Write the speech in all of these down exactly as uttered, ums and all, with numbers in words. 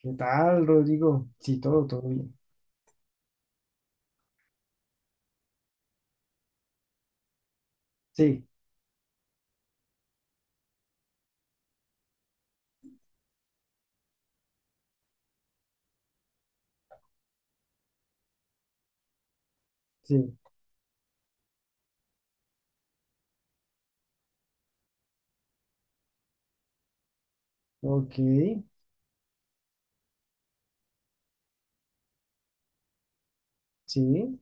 ¿Qué tal, Rodrigo? Sí, todo, todo bien. Sí, sí. Ok, sí.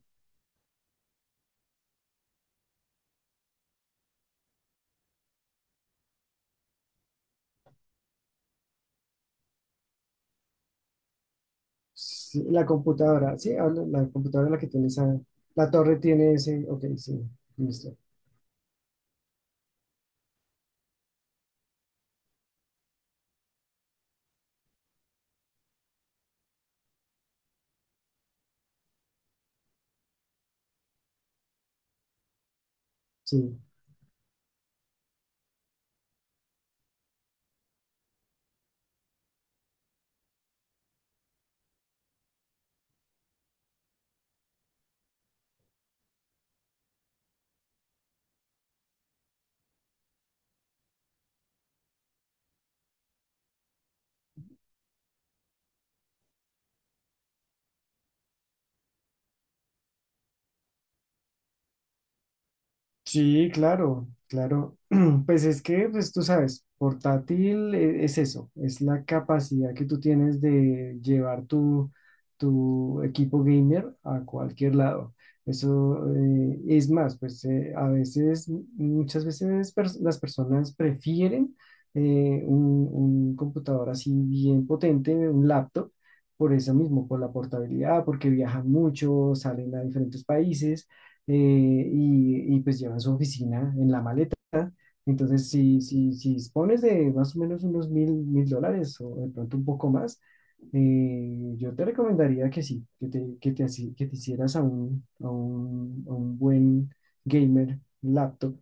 Sí, la computadora, sí, habla- la computadora es la que tiene esa, la torre tiene ese, ok, sí, listo. Sí, sí, claro, claro. Pues es que, pues tú sabes, portátil e- es eso, es la capacidad que tú tienes de llevar tu, tu equipo gamer a cualquier lado. Eso eh, es más, pues eh, a veces, muchas veces pers- las personas prefieren eh, un, un computador así bien potente, un laptop, por eso mismo, por la portabilidad, porque viajan mucho, salen a diferentes países eh, y, y pues llevan su oficina en la maleta. Entonces, si, si, si dispones de más o menos unos mil, mil dólares o de pronto un poco más, eh, yo te recomendaría que sí, que te, que te, así- que te hicieras a un, a un, a un buen gamer laptop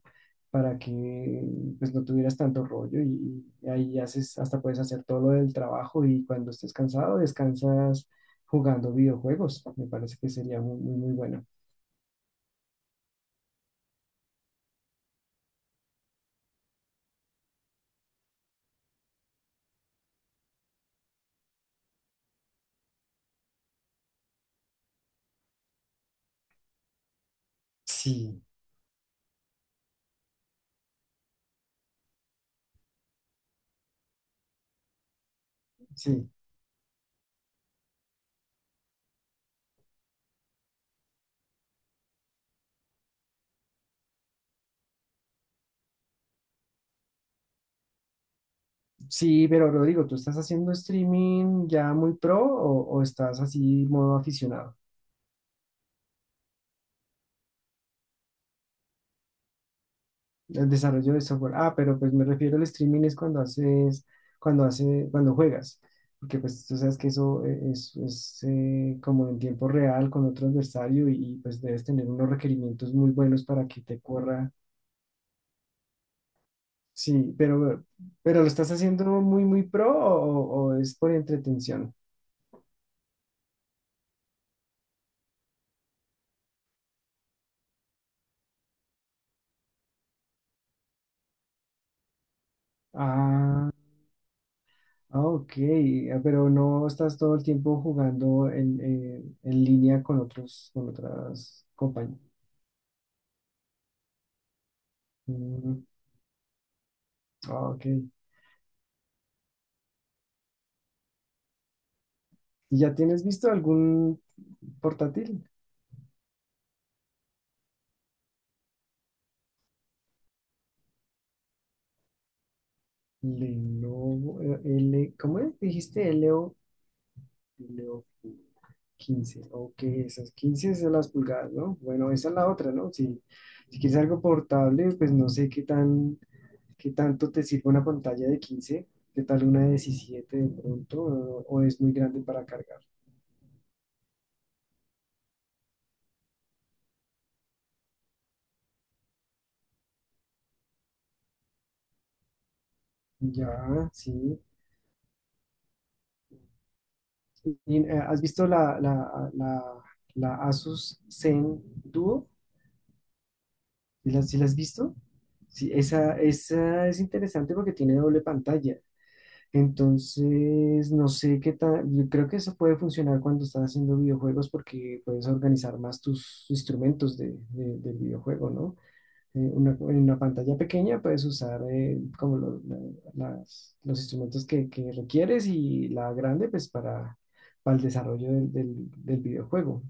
para que pues no tuvieras tanto rollo y, y ahí haces, hasta puedes hacer todo lo del trabajo y cuando estés cansado descansas jugando videojuegos. Me parece que sería muy, muy, muy bueno. Sí, sí. Sí, pero Rodrigo, ¿tú estás haciendo streaming ya muy pro o, o estás así modo aficionado? El desarrollo de software. Ah, pero pues me refiero al streaming es cuando haces, cuando hace, cuando juegas. Porque pues tú sabes que eso eh, es, es, eh, como en tiempo real con otro adversario y, y, pues debes tener unos requerimientos muy buenos para que te corra. Sí, pero, pero ¿lo estás haciendo muy, muy pro o, o es por entretención? Ah. Ah, ok, ah, pero no estás todo el tiempo jugando en, eh, en línea con otros, con otras compañías. Mm, ah, ok. ¿Y ya tienes visto algún portátil? Lenovo, eh, L, ¿cómo es? Dijiste L O, L O quince. Ok, esas quince son las pulgadas, ¿no? Bueno, esa es la otra, ¿no? Si, si quieres algo portable, pues no sé qué tan. ¿Qué tanto te sirve una pantalla de quince? ¿Qué tal una de diecisiete de pronto? ¿O, o es muy grande para cargar? Ya, sí. Y, eh, ¿has visto la, la, la, la Asus Zen Duo? ¿Sí la, sí la has visto? Sí, esa, esa es interesante porque tiene doble pantalla. Entonces, no sé qué tal, yo creo que eso puede funcionar cuando estás haciendo videojuegos porque puedes organizar más tus instrumentos de, de- del videojuego, ¿no? Eh, una, en una pantalla pequeña puedes usar eh, como lo- la- las- los instrumentos que, que requieres y la grande pues para, para el desarrollo del, del- del videojuego.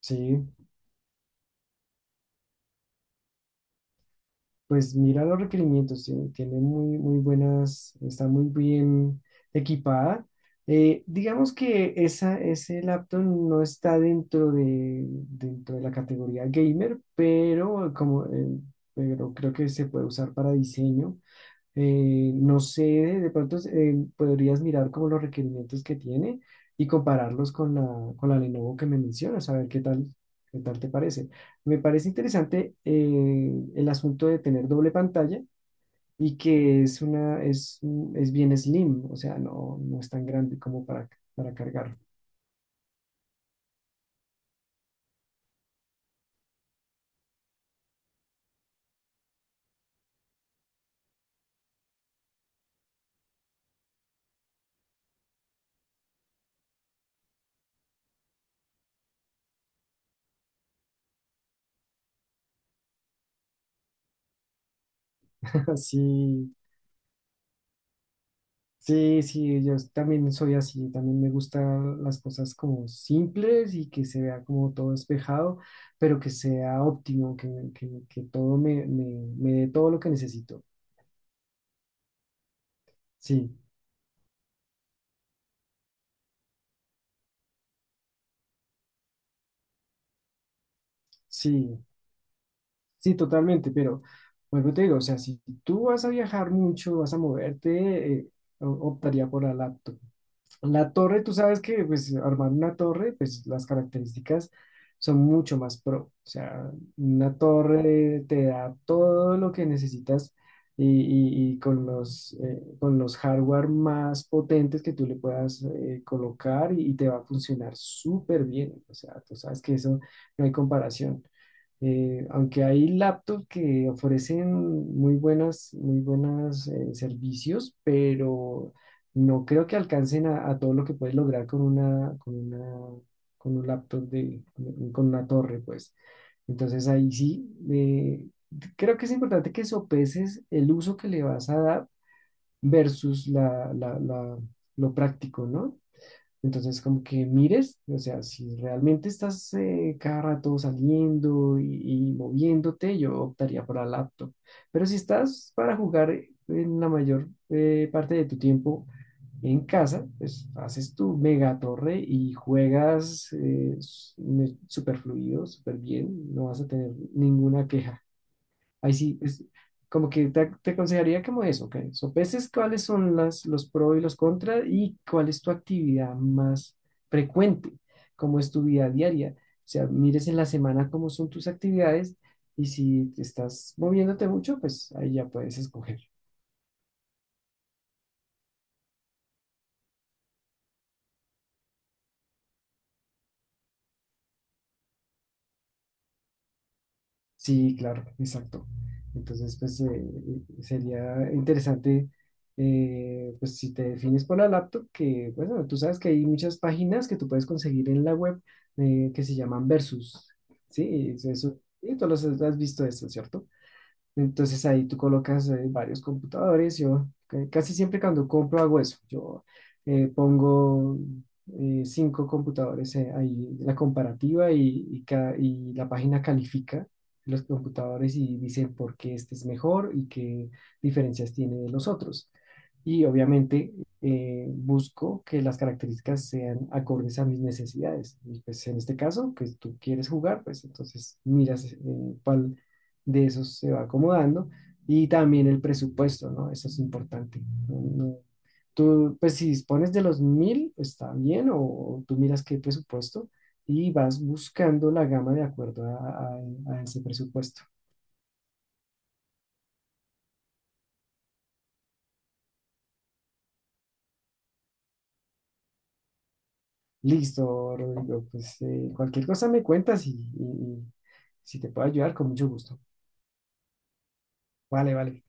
Sí, pues mira los requerimientos, tiene, tiene muy, muy buenas, está muy bien equipada. Eh, digamos que esa, ese laptop no está dentro de, dentro de la categoría gamer, pero, como, eh, pero creo que se puede usar para diseño. Eh, no sé, de pronto eh, podrías mirar como los requerimientos que tiene y compararlos con la, con la Lenovo que me mencionas, a ver qué tal, qué tal te parece. Me parece interesante eh, el asunto de tener doble pantalla y que es una, es, es bien slim, o sea, no, no es tan grande como para, para cargar. Así. Sí, sí, yo también soy así, también me gustan las cosas como simples y que se vea como todo despejado, pero que sea óptimo, que, que, que todo me, me, me dé todo lo que necesito. Sí, sí, sí, totalmente, pero vuelvo y te digo, o sea, si tú vas a viajar mucho, vas a moverte, eh, o- optaría por la laptop. La torre, tú sabes que pues armar una torre, pues las características son mucho más pro. O sea, una torre te da todo lo que necesitas y, y- y con los, eh, con los hardware más potentes que tú le puedas eh, colocar y, y te va a funcionar súper bien. O sea, tú sabes que eso no hay comparación. Eh, aunque hay laptops que ofrecen muy buenas, muy buenos servicios, pero no creo que alcancen a, a todo lo que puedes lograr con una, con una, con un laptop de, con una torre, pues. Entonces ahí sí, eh, creo que es importante que sopeses el uso que le vas a dar versus la, la- la- lo práctico, ¿no? Entonces, como que mires, o sea, si realmente estás eh, cada rato saliendo y, y moviéndote, yo optaría por la laptop. Pero si estás para jugar en la mayor eh, parte de tu tiempo en casa, pues haces tu mega torre y juegas eh, s- me- súper fluido, súper bien, no vas a tener ninguna queja. Ahí sí, es como que te, te aconsejaría como eso, que sopeses cuáles son las, los pros y los contras y cuál es tu actividad más frecuente, cómo es tu vida diaria. O sea, mires en la semana cómo son tus actividades y si te estás moviéndote mucho, pues ahí ya puedes escoger. Sí, claro, exacto. Entonces, pues eh, eh, sería interesante, eh, pues si te defines por la laptop, que bueno, tú sabes que hay muchas páginas que tú puedes conseguir en la web eh, que se llaman Versus, ¿sí? Eso, y tú los has visto eso, ¿cierto? Entonces ahí tú colocas eh, varios computadores. Yo ca- casi siempre cuando compro hago eso. Yo eh, pongo eh, cinco computadores eh, ahí, la comparativa y, y, ca- y la página califica los computadores y dice por qué este es mejor y qué diferencias tiene de los otros. Y obviamente eh, busco que las características sean acordes a mis necesidades. Y pues en este caso, que tú quieres jugar, pues entonces miras eh, de esos se va acomodando y también el presupuesto, ¿no? Eso es importante. No- no, Tú, pues si dispones de los mil, está bien, o tú miras qué presupuesto y vas buscando la gama de acuerdo a, a- a ese presupuesto. Listo, Rodrigo, pues eh, cualquier cosa me cuentas y, y- y si te puedo ayudar, con mucho gusto. Vale, vale.